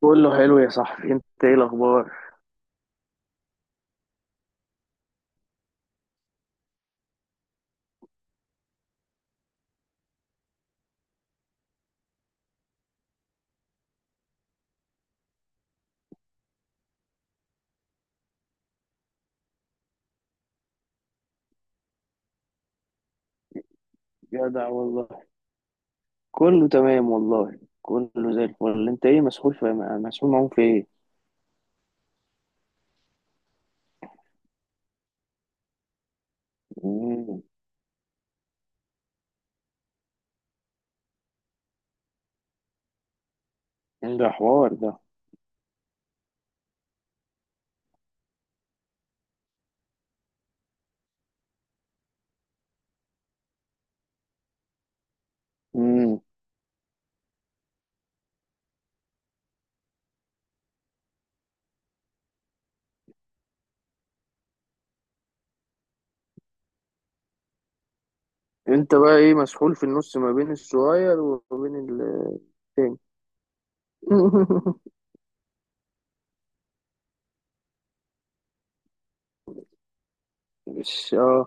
كله حلو يا صاحبي، انت ايه الاخبار؟ جدع والله. كله تمام والله، كله زي الفل. انت ايه مسحول في مسحول معاهم في ايه؟ مم. ده حوار ده. مم. انت بقى ايه مسحول في النص ما بين الصغير وما بين التاني؟ مش اه.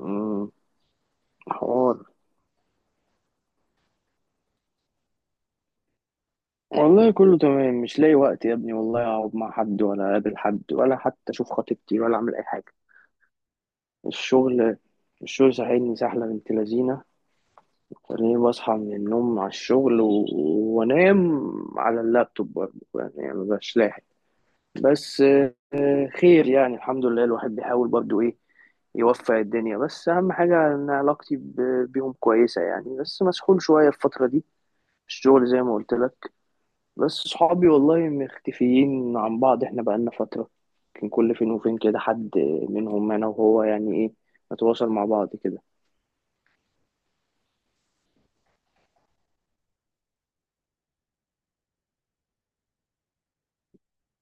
مم. حوار. والله كله تمام، مش لاقي وقت يا ابني والله اقعد مع حد ولا اقابل حد ولا حتى اشوف خطيبتي ولا اعمل اي حاجه. الشغل، الشغل ساحلني سحله بنت لذينه. تاني بصحى من النوم على وانام على اللابتوب، برضه يعني مبقاش لاحق. بس خير، يعني الحمد لله الواحد بيحاول برضه ايه يوفق الدنيا، بس اهم حاجة ان علاقتي بيهم كويسة يعني، بس مسحول شوية الفترة دي، الشغل زي ما قلت لك. بس صحابي والله مختفيين عن بعض، احنا بقالنا فترة كان كل فين وفين كده حد منهم انا وهو يعني ايه نتواصل مع بعض كده.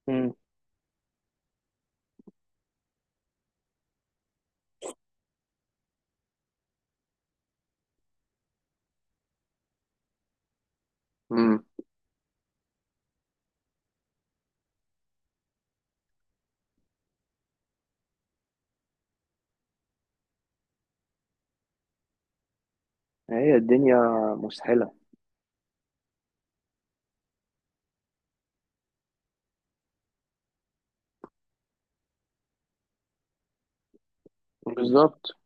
امم. امم. هي الدنيا مسحلة. بالظبط.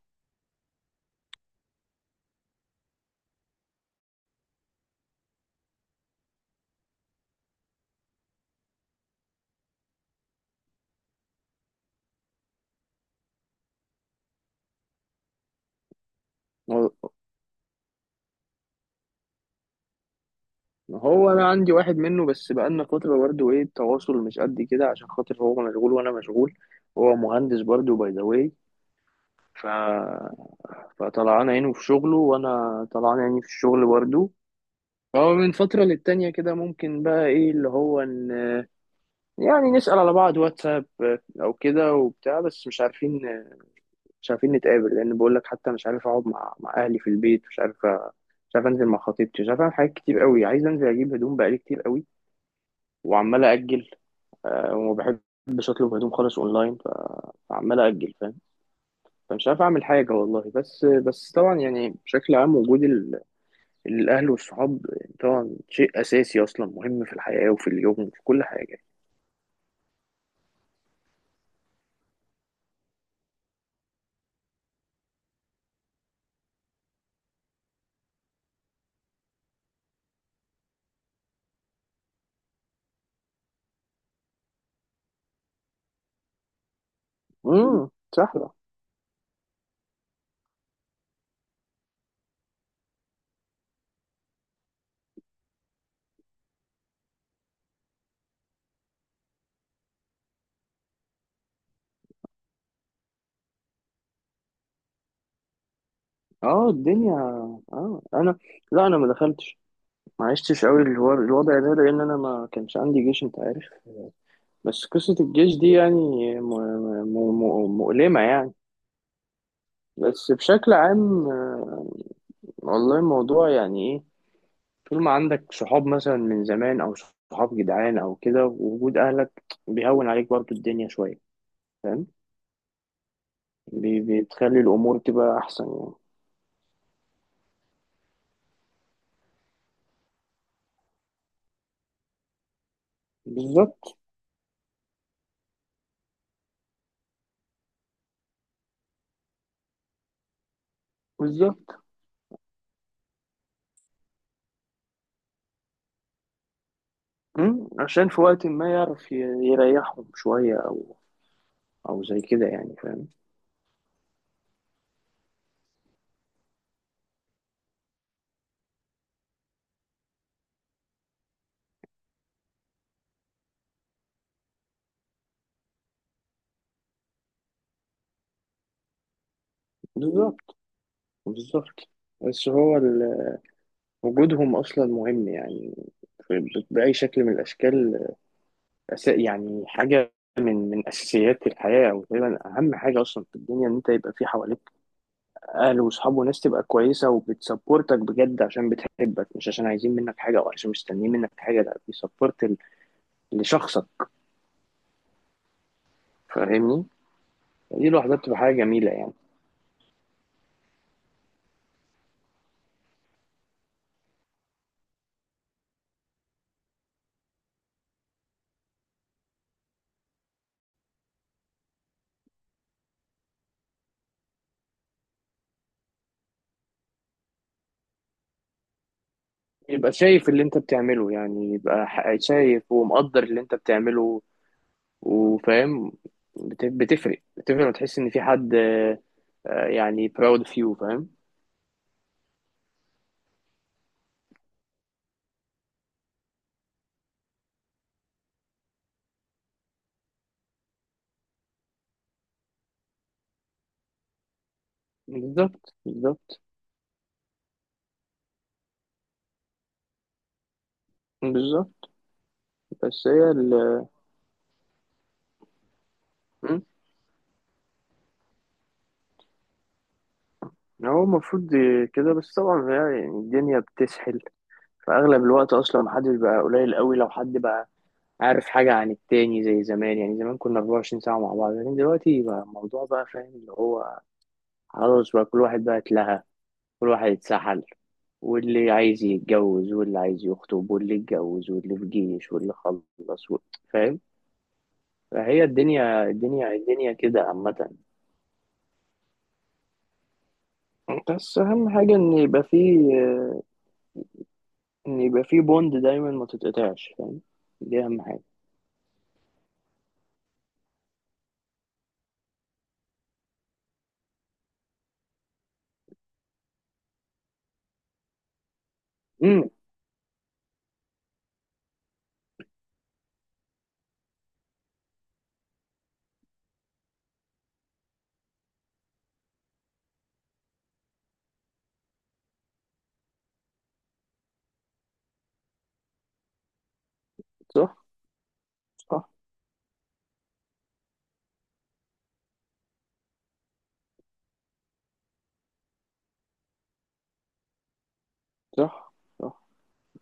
هو هو انا عندي واحد منه بس، بقالنا فتره برضه ايه التواصل مش قد كده عشان خاطر هو مشغول وانا مشغول. هو مهندس برضه باي ذا واي. ف... فطلعان عينه في شغله وانا طلعان عيني في الشغل برضه. فهو من فتره للتانيه كده ممكن بقى ايه اللي هو ان يعني نسال على بعض واتساب او كده وبتاع، بس مش عارفين نتقابل. لان بقول لك حتى مش عارف اقعد مع اهلي في البيت، مش عارف مش عارف انزل مع خطيبتي، مش عارف اعمل حاجات كتير قوي. عايز انزل اجيب هدوم بقالي كتير قوي وعمال اجل، وما بحبش اطلب هدوم خالص فعمال اجل، فاهم؟ فمش عارف اعمل حاجه والله. بس طبعا يعني بشكل عام وجود الاهل والصحاب طبعا شيء اساسي اصلا، مهم في الحياه وفي اليوم وفي كل حاجه. امم. سهله. اه الدنيا. اه انا، لا انا ما دخلتش، ما عشتش قوي الوضع ده لان انا ما كانش عندي جيش، انت عارف. بس قصه الجيش دي يعني مؤلمه يعني. بس بشكل عام والله الموضوع يعني طول ما عندك صحاب مثلا من زمان او صحاب جدعان او كده، ووجود اهلك بيهون عليك برضو الدنيا شويه، فاهم؟ بتخلي الامور تبقى احسن يعني. بالظبط بالظبط. أمم، عشان في وقت ما يعرف يريحهم شويه او او زي كده يعني، فاهم؟ بالظبط بالظبط. بس هو وجودهم اصلا مهم يعني باي شكل من الاشكال. يعني حاجه من من اساسيات الحياه، او تقريبا اهم حاجه اصلا في الدنيا ان انت يبقى في حواليك اهل وصحاب وناس تبقى كويسه وبتسبورتك بجد، عشان بتحبك مش عشان عايزين منك حاجه او عشان مستنيين منك حاجه. لا بيسبورت لشخصك، فاهمني؟ دي لوحدها بتبقى حاجه جميله يعني. يبقى شايف اللي انت بتعمله، يعني يبقى شايف ومقدر اللي انت بتعمله وفاهم. بتفرق وتحس ان في حد، يعني proud of you، فاهم؟ بالظبط بالظبط بالظبط. بس هي ال، مم. هو المفروض كده. بس طبعا هي يعني الدنيا بتسحل، فاغلب الوقت اصلا محدش، بقى قليل قوي لو حد بقى عارف حاجه عن التاني زي زمان. يعني زمان كنا 24 ساعه مع بعض، لكن دلوقتي بقى الموضوع بقى فاهم اللي هو خلاص، بقى كل واحد بقى اتلهى، كل واحد اتسحل، واللي عايز يتجوز واللي عايز يخطب واللي اتجوز واللي في جيش واللي خلص. فاهم؟ فهي الدنيا كده عامه. بس اهم حاجه ان يبقى فيه، ان يبقى فيه بوند دايما ما تتقطعش، فاهم؟ دي اهم حاجه. امم. صح. صح. صح. صح.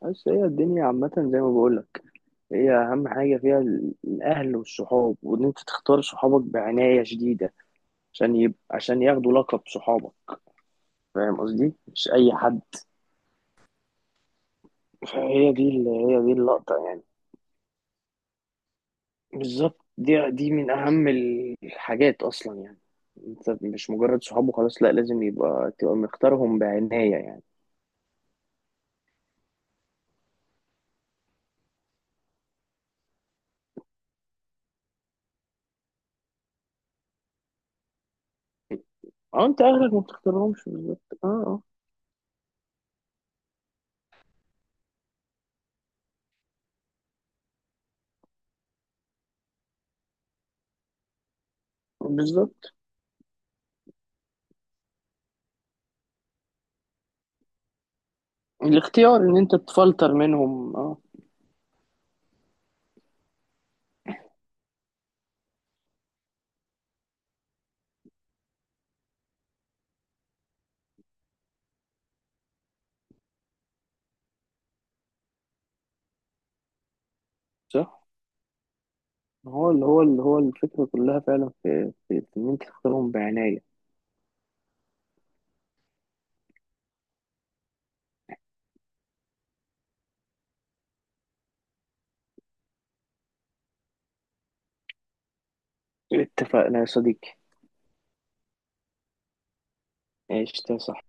بس هي الدنيا عامة زي ما بقولك، هي أهم حاجة فيها الأهل والصحاب، وإن أنت تختار صحابك بعناية شديدة عشان عشان ياخدوا لقب صحابك، فاهم قصدي؟ مش أي حد. فهي دي ال... هي دي اللقطة يعني. بالظبط، دي دي من أهم الحاجات أصلا يعني. أنت مش مجرد صحاب وخلاص، لأ لازم تبقى مختارهم بعناية يعني. أه أنت أهلك ما بتختارهمش، بالظبط. أه أه بالظبط، الاختيار إن أنت تفلتر منهم، أه. صح. هو اللي هو اللي هو الفكرة كلها فعلا في إن أنت تختارهم بعناية. اتفقنا يا صديقي. عشت صح.